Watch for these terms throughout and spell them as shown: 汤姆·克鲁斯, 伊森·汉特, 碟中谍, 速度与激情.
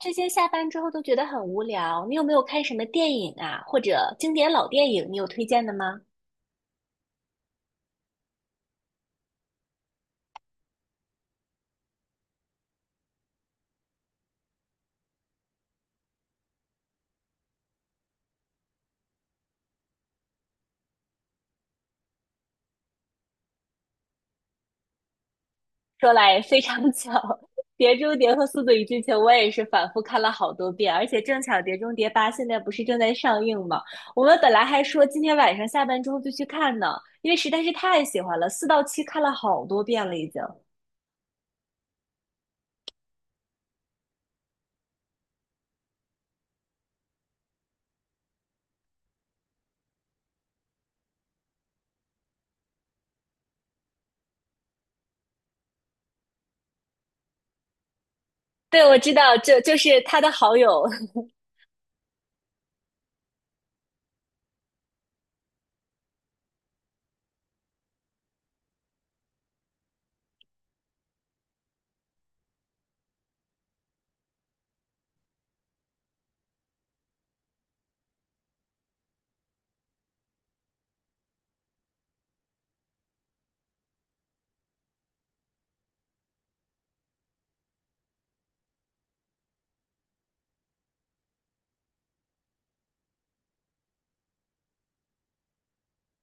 这些下班之后都觉得很无聊，你有没有看什么电影啊，或者经典老电影，你有推荐的吗？说来非常巧，《碟中谍》和《速度与激情》我也是反复看了好多遍，而且正巧《碟中谍八》现在不是正在上映吗？我们本来还说今天晚上下班之后就去看呢，因为实在是太喜欢了，四到七看了好多遍了已经。对，我知道，就是他的好友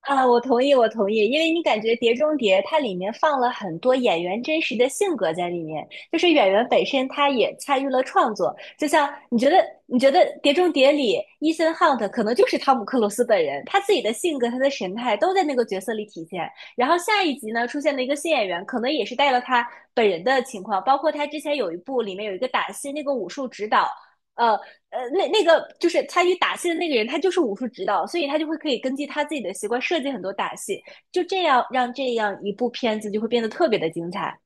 啊，我同意，我同意，因为你感觉《碟中谍》它里面放了很多演员真实的性格在里面，就是演员本身他也参与了创作。就像你觉得，你觉得《碟中谍》里伊森·汉特可能就是汤姆·克鲁斯本人，他自己的性格、他的神态都在那个角色里体现。然后下一集呢，出现了一个新演员，可能也是带了他本人的情况，包括他之前有一部里面有一个打戏，那个武术指导。呃，那个就是参与打戏的那个人，他就是武术指导，所以他就会可以根据他自己的习惯设计很多打戏，就这样让这样一部片子就会变得特别的精彩。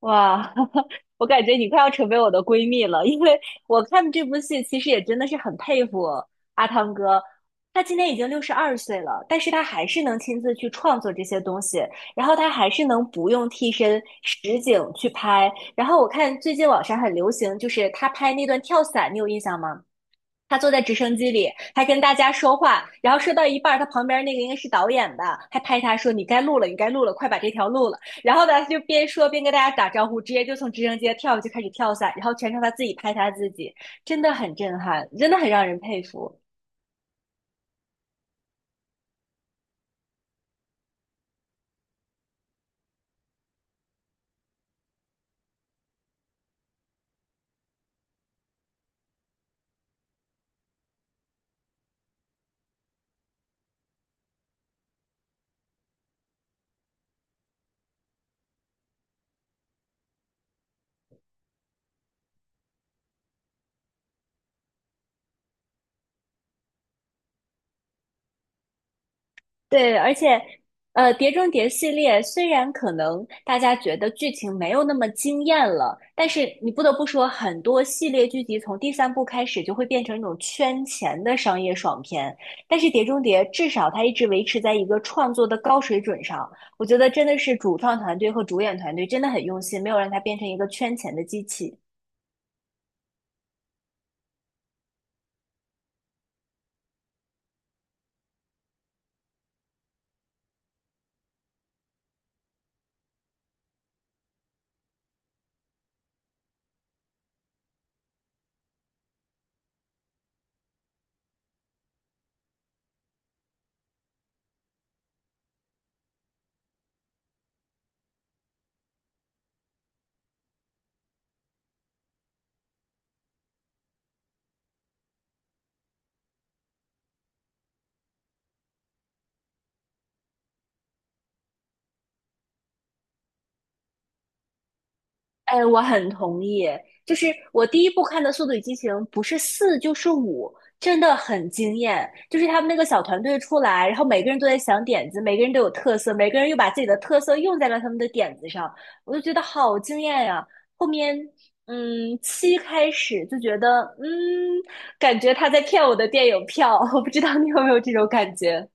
哇，我感觉你快要成为我的闺蜜了，因为我看这部戏其实也真的是很佩服阿汤哥，他今年已经62岁了，但是他还是能亲自去创作这些东西，然后他还是能不用替身实景去拍。然后我看最近网上很流行，就是他拍那段跳伞，你有印象吗？他坐在直升机里，还跟大家说话，然后说到一半儿，他旁边那个应该是导演吧，还拍他说："你该录了，你该录了，快把这条录了。"然后呢，他就边说边跟大家打招呼，直接就从直升机跳下去开始跳伞，然后全程他自己拍他自己，真的很震撼，真的很让人佩服。对，而且，《呃，《碟中谍》系列虽然可能大家觉得剧情没有那么惊艳了，但是你不得不说，很多系列剧集从第三部开始就会变成一种圈钱的商业爽片。但是《碟中谍》至少它一直维持在一个创作的高水准上，我觉得真的是主创团队和主演团队真的很用心，没有让它变成一个圈钱的机器。哎，我很同意。就是我第一部看的《速度与激情》，不是四就是五，真的很惊艳。就是他们那个小团队出来，然后每个人都在想点子，每个人都有特色，每个人又把自己的特色用在了他们的点子上，我就觉得好惊艳呀、后面，嗯，七开始就觉得，嗯，感觉他在骗我的电影票，我不知道你有没有这种感觉。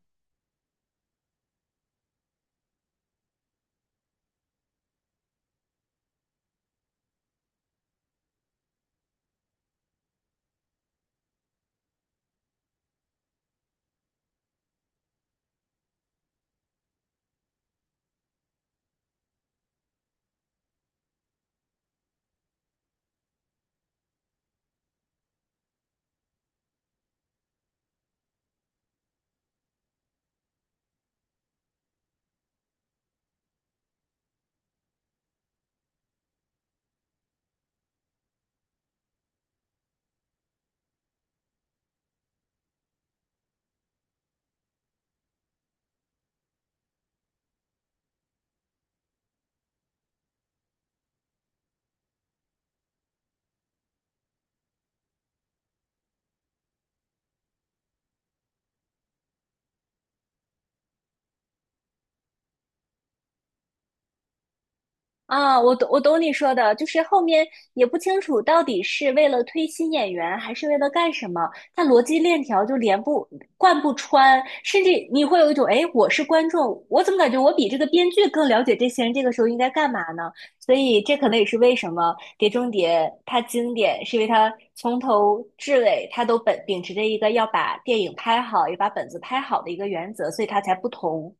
啊，我懂，我懂你说的，就是后面也不清楚到底是为了推新演员，还是为了干什么，它逻辑链条就连不贯不穿，甚至你会有一种，哎，我是观众，我怎么感觉我比这个编剧更了解这些人这个时候应该干嘛呢？所以这可能也是为什么《碟中谍》它经典，是因为它从头至尾它都本秉持着一个要把电影拍好，也把本子拍好的一个原则，所以它才不同。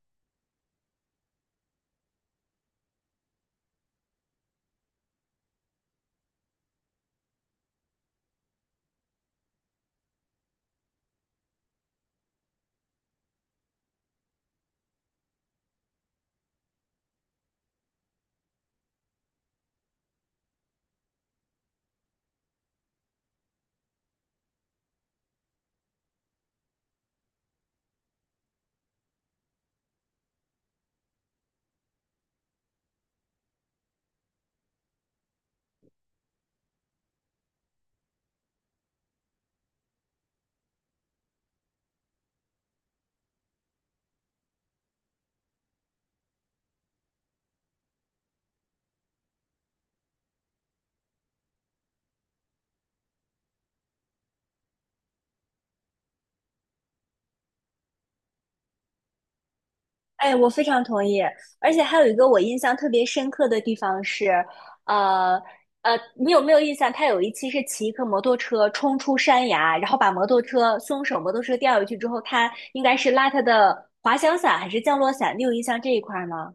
哎，我非常同意，而且还有一个我印象特别深刻的地方是，呃你有没有印象？他有一期是骑一个摩托车冲出山崖，然后把摩托车松手摩托车掉下去之后，他应该是拉他的滑翔伞还是降落伞？你有印象这一块吗？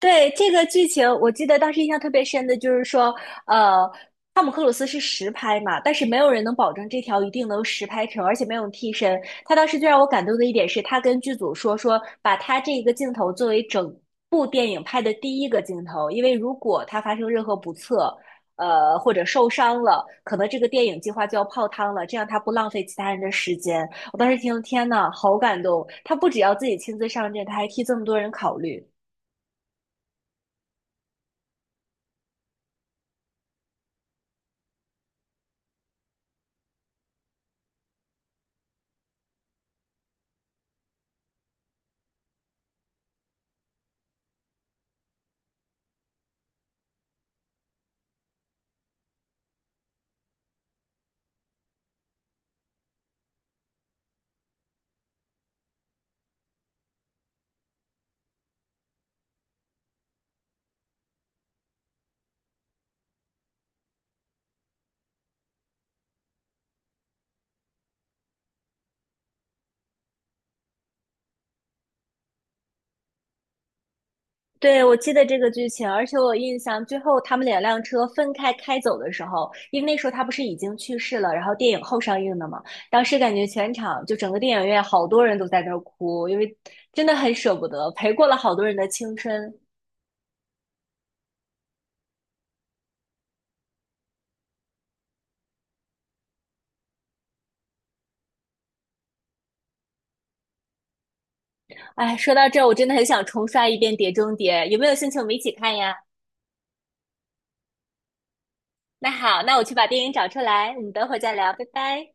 对，这个剧情，我记得当时印象特别深的就是说，呃，汤姆克鲁斯是实拍嘛，但是没有人能保证这条一定能实拍成，而且没有替身。他当时最让我感动的一点是，他跟剧组说，把他这一个镜头作为整部电影拍的第一个镜头，因为如果他发生任何不测，呃，或者受伤了，可能这个电影计划就要泡汤了，这样他不浪费其他人的时间。我当时听，天呐，好感动！他不只要自己亲自上阵，他还替这么多人考虑。对，我记得这个剧情，而且我有印象最后他们两辆车分开开走的时候，因为那时候他不是已经去世了，然后电影后上映的嘛，当时感觉全场就整个电影院好多人都在那儿哭，因为真的很舍不得，陪过了好多人的青春。哎，说到这儿，我真的很想重刷一遍《碟中谍》，有没有兴趣我们一起看呀？那好，那我去把电影找出来，我们等会儿再聊，拜拜。